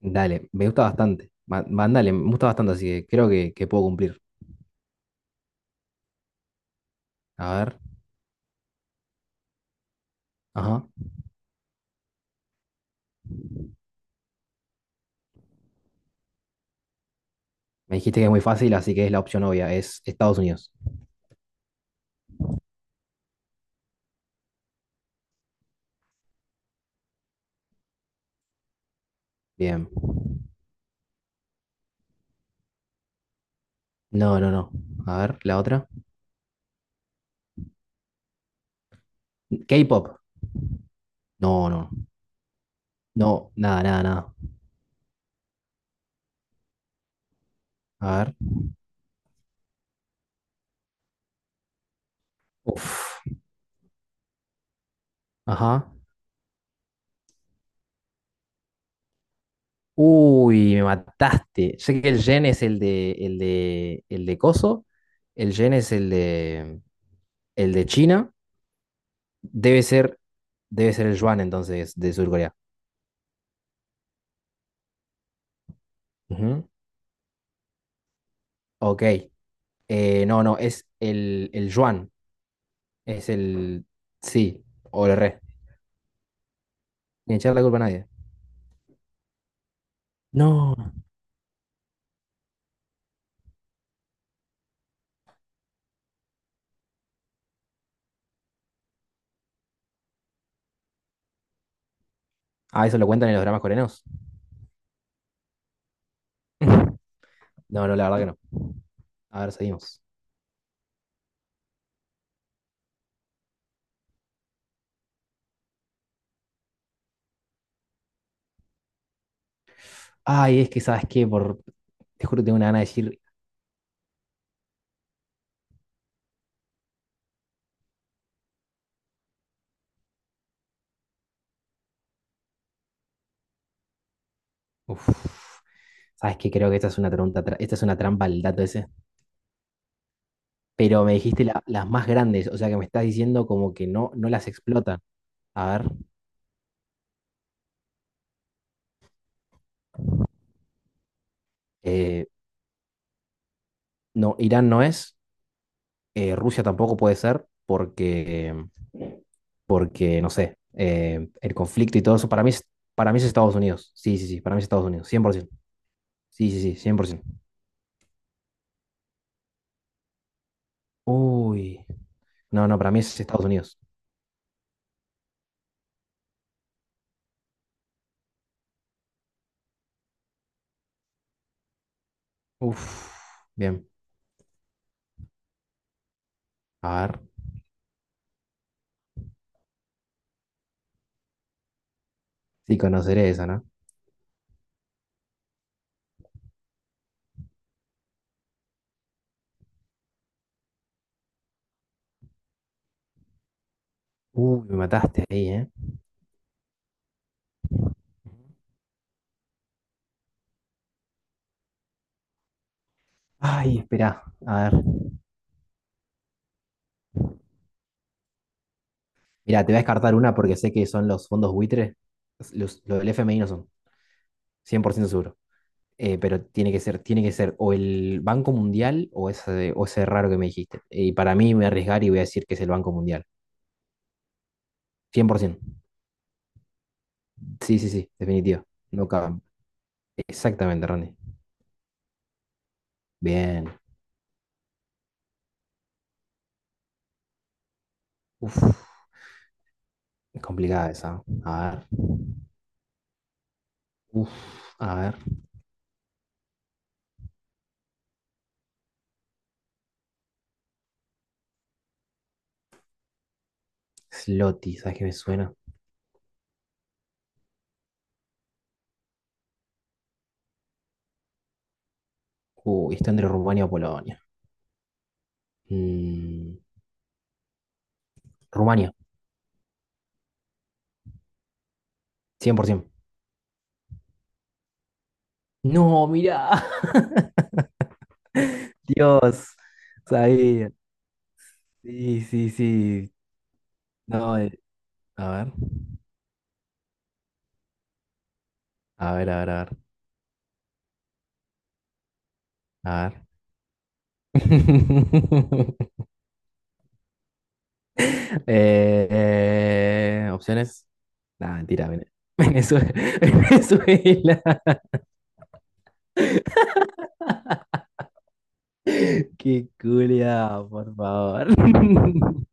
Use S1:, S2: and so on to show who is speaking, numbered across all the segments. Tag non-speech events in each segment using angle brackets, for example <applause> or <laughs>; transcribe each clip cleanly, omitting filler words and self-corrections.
S1: Dale, me gusta bastante. Mandale, me gusta bastante, así que creo que puedo cumplir. A ver, ajá. Me dijiste que es muy fácil, así que es la opción obvia, es Estados Unidos. Bien. No, no, no. A ver, la otra. K-pop. No, no. No, nada, nada, nada. A ver. Uf. Ajá. Uy, me mataste. Sé que el yen es el de Coso. El yen es el de China. Debe ser, debe ser el yuan entonces de surcorea Corea. Ujú. Ok, no, no, es el yuan. Es el sí o el re. Ni echar la culpa a nadie. No. Ah, eso lo cuentan en los dramas coreanos. <laughs> No, no, la verdad que no. A ver, seguimos. Ay, es que, ¿sabes qué? Por… Te juro que tengo una gana de decir. Uf, ¿sabes qué? Creo que esta es una trampa, esta es una trampa el dato ese. Pero me dijiste las más grandes, o sea que me estás diciendo como que no, no las explotan. A ver. eh, no, Irán no es. Rusia tampoco puede ser, porque. Porque, no sé, el conflicto y todo eso, para mí, para mí es Estados Unidos. Sí, sí, sí, para mí es Estados Unidos, 100%. Sí, sí, sí, 100%. Uy, no, no, para mí es Estados Unidos. Uf, bien. A ver, sí, conoceré esa, ¿no? Uy, me mataste ahí, ¿eh? Ay, espera, a ver. Mira, te voy a descartar una porque sé que son los fondos buitres. Lo del FMI no son, 100% seguro. Pero tiene que ser o el Banco Mundial o ese raro que me dijiste. Y para mí me voy a arriesgar y voy a decir que es el Banco Mundial. 100%. Sí, sí, sí, definitivo. No cabe. Exactamente, Ronnie. Bien. Uf, es complicada esa. A ver. Uf, a ver. Sloty, ¿sabes qué me suena? Uy, está entre Rumania o Polonia. Mm, Rumania, 100%. No, mirá. <laughs> Dios. Sabía. Sí, sí, sí. No, a ver. A ver, a ver, a ver. A ver. <laughs> Eh, opciones. Nada, mentira, <laughs> Venezuela. <laughs> Venezuela. Qué culia, por favor. <laughs>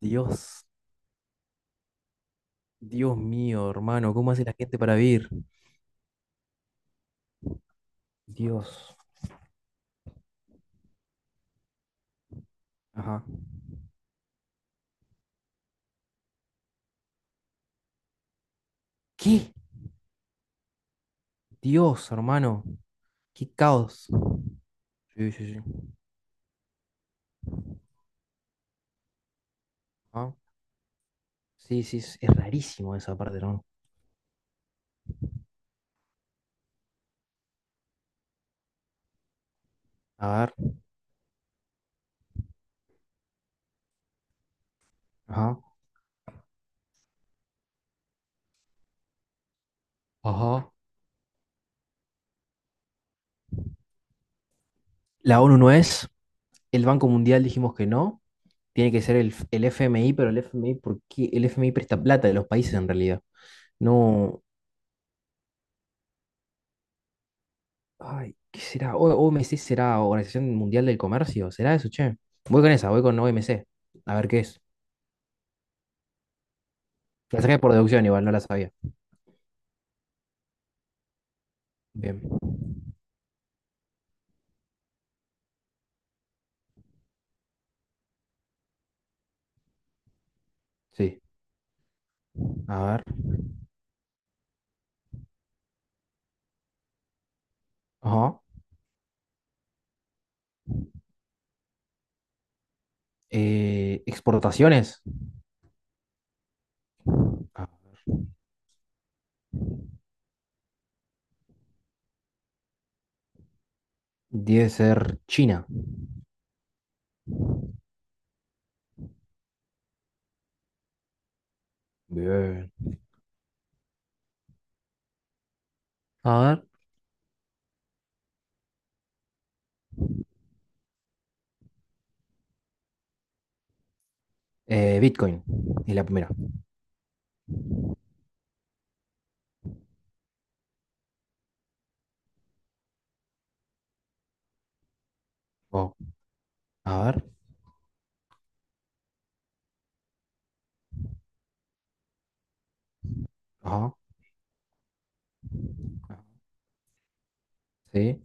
S1: Dios, Dios mío, hermano, ¿cómo hace la gente para vivir? Dios. Ajá. ¿Qué? Dios, hermano. Qué caos. Sí, sí, sí. Ajá. Sí, sí, es rarísimo esa parte, hermano. A ver. Ajá. Ajá. La ONU no es. El Banco Mundial dijimos que no. Tiene que ser el FMI, pero el FMI, ¿por qué? El FMI presta plata de los países en realidad. No, ay, ¿qué será? OMC será Organización Mundial del Comercio, ¿será eso, che? Voy con esa, voy con OMC. A ver qué es. La saqué por deducción igual, no la sabía. Bien. Sí. A ver. Ajá. Exportaciones. Ah, debe ser China. Bien. A ver. Bitcoin. Es la primera. Oh, a ver. Ajá. Sí.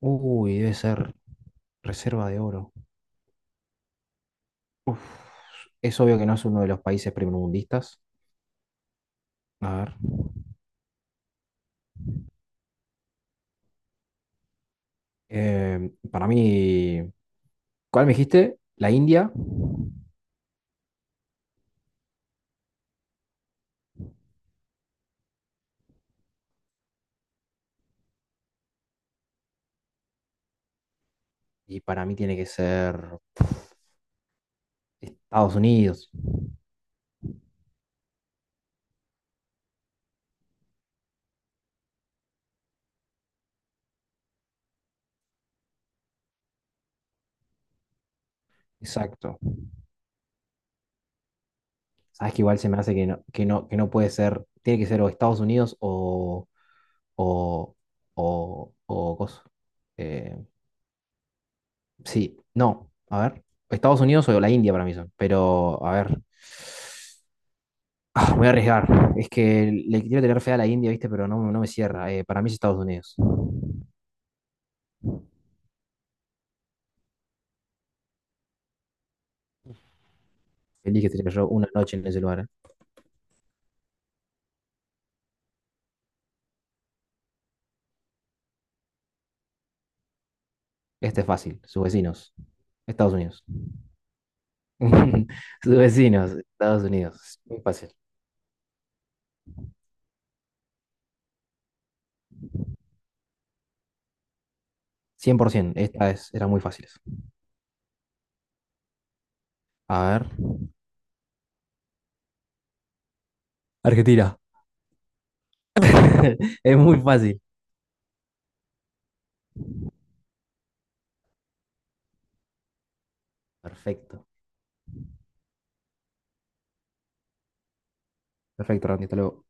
S1: Uy, debe ser reserva de oro. Uf, es obvio que no es uno de los países primermundistas. A ver. Para mí, ¿cuál me dijiste? La India. Y para mí tiene que ser Estados Unidos. Exacto. Sabes que igual se me hace que no, que no, que no puede ser, tiene que ser o Estados Unidos o, o cosa. Eh, sí, no. A ver. Estados Unidos o la India para mí son. Pero, a ver. Ah, me voy a arriesgar. Es que le quiero tener fe a la India, ¿viste? Pero no, no me cierra. Para mí es Estados Unidos. Feliz que tener yo una noche en ese lugar. Este es fácil, sus vecinos, Estados Unidos. <laughs> Sus vecinos, Estados Unidos. Muy fácil. 100%, era muy fácil. A ver. Argentina. <laughs> Es muy fácil. Perfecto. Perfecto, Randy, hasta luego.